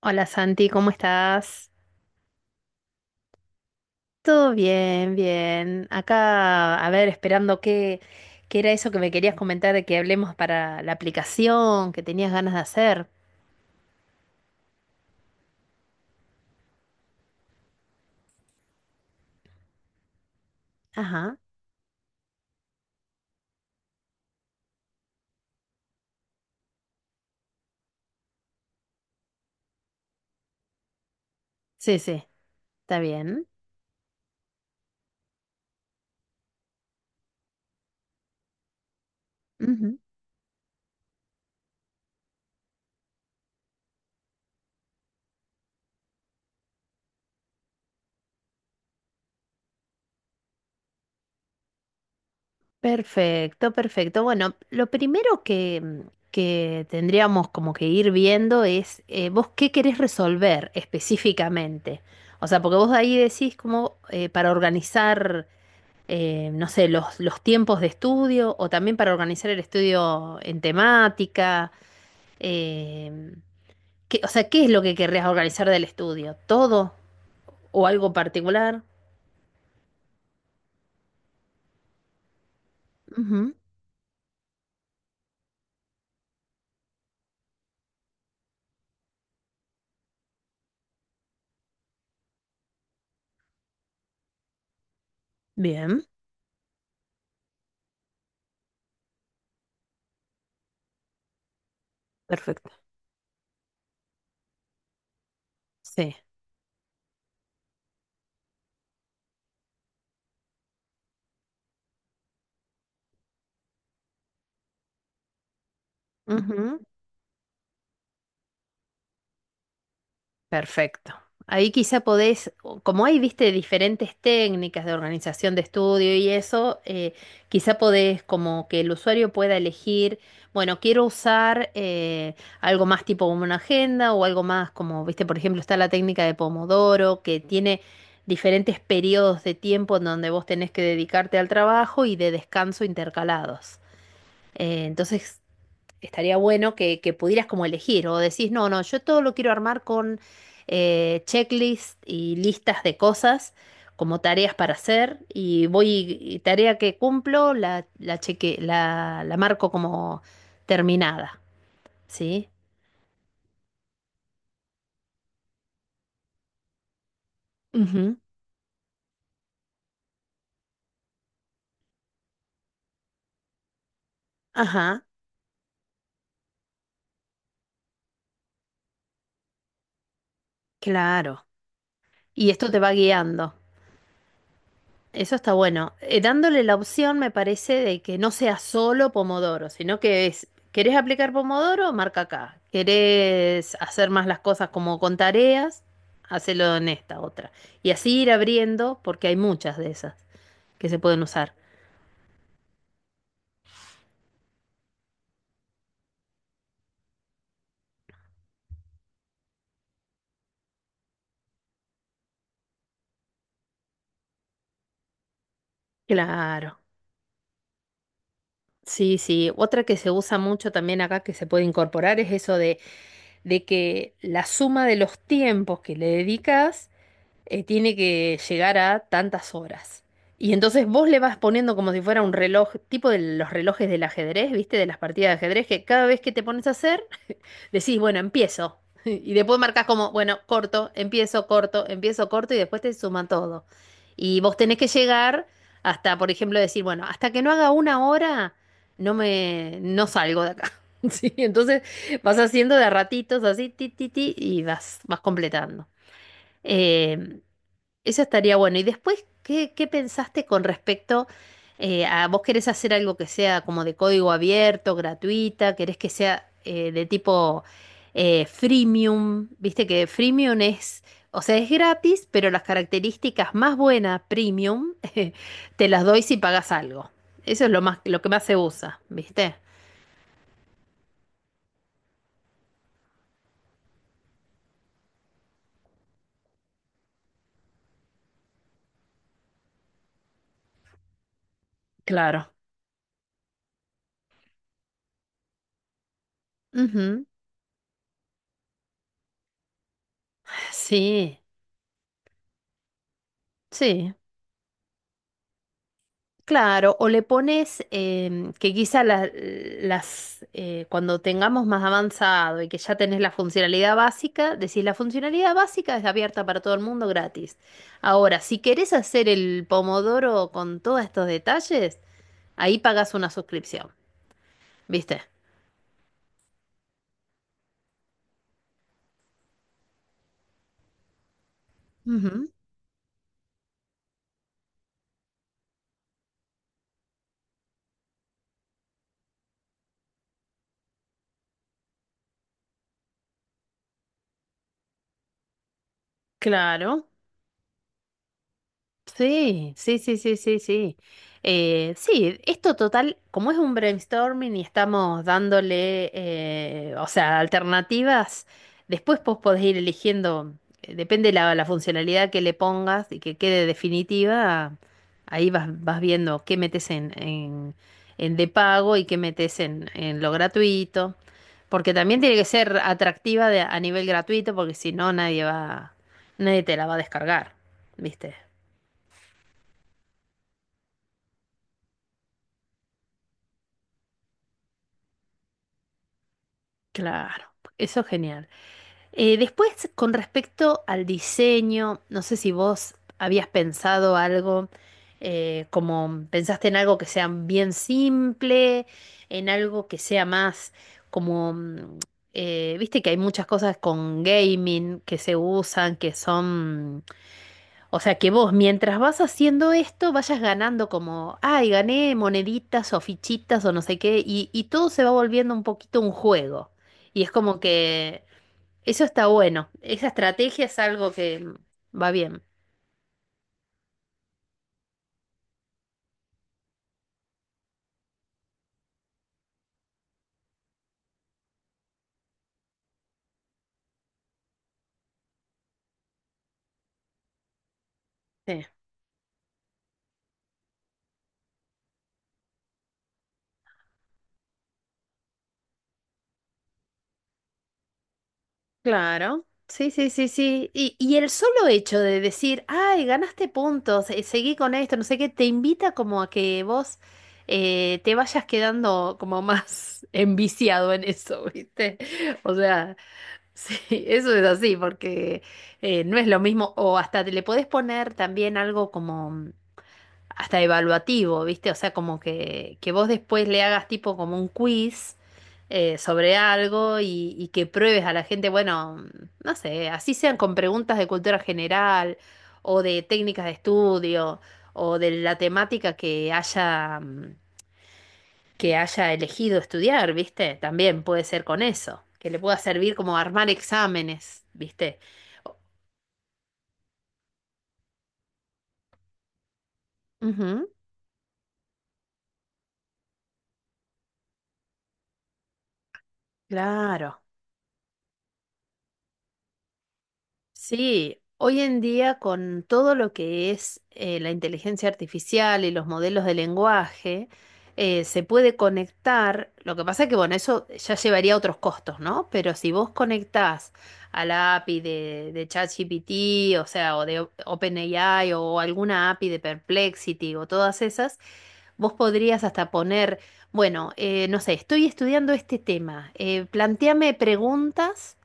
Hola Santi, ¿cómo estás? Todo bien, bien. Acá, a ver, esperando qué, qué era eso que me querías comentar de que hablemos para la aplicación que tenías ganas de hacer. Ajá, sí, sí, está bien. Ujú. Perfecto, perfecto. Bueno, lo primero que, que tendríamos como que ir viendo es vos qué querés resolver específicamente. O sea, porque vos ahí decís como para organizar. No sé, los tiempos de estudio o también para organizar el estudio en temática. eh, o sea, ¿qué es lo que querrías organizar del estudio? ¿Todo o algo particular? Ujú. Bien. Perfecto. Sí. Ujú. Perfecto. Ahí quizá podés, como hay, viste, diferentes técnicas de organización de estudio y eso, quizá podés como que el usuario pueda elegir, bueno, quiero usar algo más tipo como una agenda o algo más como, viste, por ejemplo, está la técnica de Pomodoro, que tiene diferentes periodos de tiempo en donde vos tenés que dedicarte al trabajo y de descanso intercalados. Entonces, estaría bueno que pudieras como elegir o decís, no, no, yo todo lo quiero armar con checklist y listas de cosas como tareas para hacer y voy, y tarea que cumplo, la cheque, la marco como terminada, ¿sí? Ujú. Ajá, claro. Y esto te va guiando. Eso está bueno. Dándole la opción, me parece, de que no sea solo Pomodoro, sino que es, ¿querés aplicar Pomodoro? Marca acá. ¿Querés hacer más las cosas como con tareas? Hacelo en esta otra. Y así ir abriendo, porque hay muchas de esas que se pueden usar. Claro. Sí, sí. Otra que se usa mucho también acá que se puede incorporar es eso de que la suma de los tiempos que le dedicas tiene que llegar a tantas horas. Y entonces vos le vas poniendo como si fuera un reloj, tipo de los relojes del ajedrez, ¿viste? De las partidas de ajedrez, que cada vez que te pones a hacer, decís, bueno, empiezo. Y después marcas como, bueno, corto, empiezo, corto, empiezo, corto, y después te suman todo. Y vos tenés que llegar hasta, por ejemplo, decir, bueno, hasta que no haga una hora, no salgo de acá. Sí, entonces vas haciendo de a ratitos así, ti, ti, ti, y vas, vas completando. Em, Eso estaría bueno. Y después, ¿qué, qué pensaste con respecto a vos querés hacer algo que sea como de código abierto, gratuita? ¿Querés que sea de tipo freemium? Viste que freemium es, o sea, es gratis, pero las características más buenas, premium, te las doy si pagas algo. Eso es lo más, lo que más se usa, ¿viste? Claro. Ujú. Sí, sí. Claro, o le pones que quizá cuando tengamos más avanzado y que ya tenés la funcionalidad básica, decís la funcionalidad básica es abierta para todo el mundo gratis. Ahora, si querés hacer el pomodoro con todos estos detalles, ahí pagás una suscripción, ¿viste? Ujú. Claro. Sí, sí, sí, sí, sí, sí. Sí, esto total, como es un brainstorming y estamos dándole, o sea, alternativas, después vos podés ir eligiendo, depende la funcionalidad que le pongas y que quede definitiva, ahí vas, vas viendo qué metes en de pago y qué metes en lo gratuito, porque también tiene que ser atractiva a nivel gratuito, porque si no, nadie va, nadie te la va a descargar, ¿viste? Claro, eso es genial. Después, con respecto al diseño, no sé si vos habías pensado algo, como pensaste en algo que sea bien simple, en algo que sea más como, viste que hay muchas cosas con gaming que se usan, que son o sea que vos, mientras vas haciendo esto, vayas ganando como, ay, gané moneditas o fichitas o no sé qué, y todo se va volviendo un poquito un juego. Y es como que eso está bueno. Esa estrategia es algo que va bien. Sí. Claro. Sí, sí, sí, sí. Y el solo hecho de decir, ay, ganaste puntos, seguí con esto, no sé qué, te invita como a que vos te vayas quedando como más enviciado en eso, ¿viste? O sea. Sí, eso es así, porque no es lo mismo, o hasta te le podés poner también algo como hasta evaluativo, ¿viste? O sea, como que vos después le hagas tipo como un quiz sobre algo y que pruebes a la gente, bueno, no sé, así sean con preguntas de cultura general o de técnicas de estudio o de la temática que haya, que haya elegido estudiar, ¿viste? También puede ser con eso, que le pueda servir como armar exámenes, ¿viste? O- Ujú, claro. Sí, hoy en día con todo lo que es la inteligencia artificial y los modelos de lenguaje, se puede conectar, lo que pasa es que bueno, eso ya llevaría a otros costos, ¿no? Pero si vos conectás a la API de ChatGPT, o sea, o de OpenAI o alguna API de Perplexity o todas esas, vos podrías hasta poner, bueno, no sé, estoy estudiando este tema, plantéame preguntas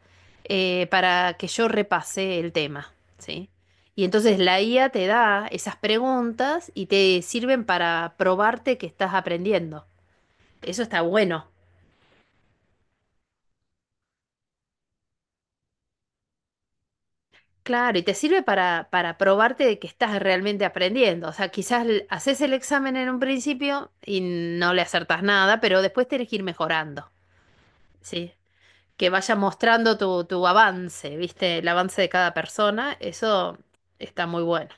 para que yo repase el tema, ¿sí? Y entonces la IA te da esas preguntas y te sirven para probarte que estás aprendiendo. Eso está bueno. Claro, y te sirve para probarte de que estás realmente aprendiendo. O sea, quizás haces el examen en un principio y no le acertas nada, pero después tenés que ir mejorando, ¿sí? Que vaya mostrando tu, tu avance, ¿viste? El avance de cada persona, eso está muy bueno.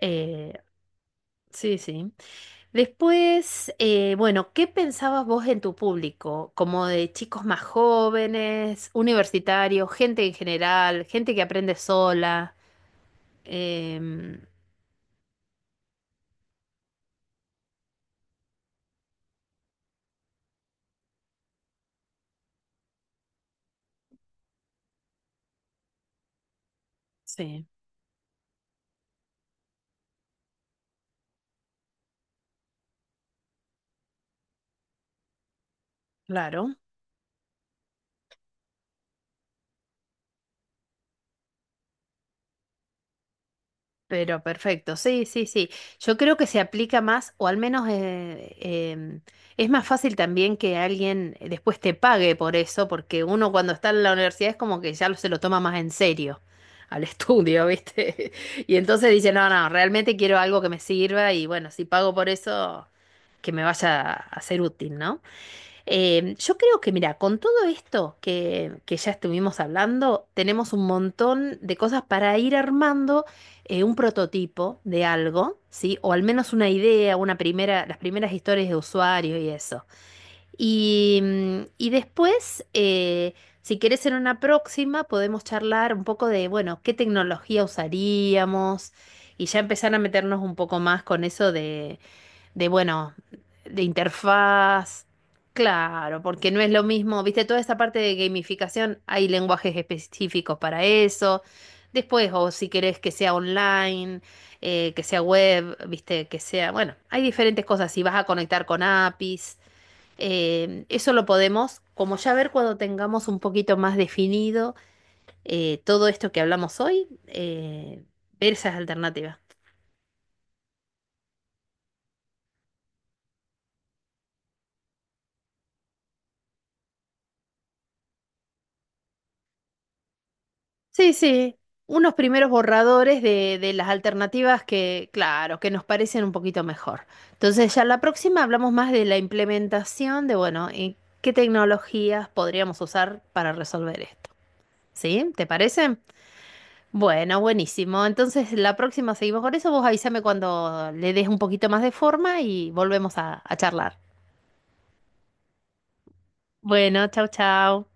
Eh, sí, sí. Después, bueno, ¿qué pensabas vos en tu público? Como de chicos más jóvenes, universitarios, gente en general, gente que aprende sola. em, sí, claro. Pero perfecto, sí, sí, sí. Yo creo que se aplica más, o al menos em, es más fácil también que alguien después te pague por eso, porque uno cuando está en la universidad es como que ya se lo toma más en serio al estudio, ¿viste? Y entonces dice, no, no, realmente quiero algo que me sirva y bueno, si pago por eso, que me vaya a ser útil, ¿no? Yo creo que, mira, con todo esto que ya estuvimos hablando, tenemos un montón de cosas para ir armando un prototipo de algo, ¿sí? O al menos una idea, una primera, las primeras historias de usuario y eso. Y, y después, si querés en una próxima, podemos charlar un poco de, bueno, qué tecnología usaríamos y ya empezar a meternos un poco más con eso de bueno, de interfaz. Claro, porque no es lo mismo, viste, toda esta parte de gamificación, hay lenguajes específicos para eso. Después, o si querés que sea online, que sea web, viste, que sea, bueno, hay diferentes cosas. Si vas a conectar con APIs, eso lo podemos, como ya ver cuando tengamos un poquito más definido todo esto que hablamos hoy, ver esas alternativas. Sí, sí, unos primeros borradores de las alternativas que, claro, que nos parecen un poquito mejor. Entonces, ya la próxima hablamos más de la implementación de, bueno, y qué tecnologías podríamos usar para resolver esto. ¿Sí? ¿Te parece? Bueno, buenísimo. Entonces, la próxima seguimos con eso. Vos avísame cuando le des un poquito más de forma y volvemos a charlar. Bueno, chau, chau.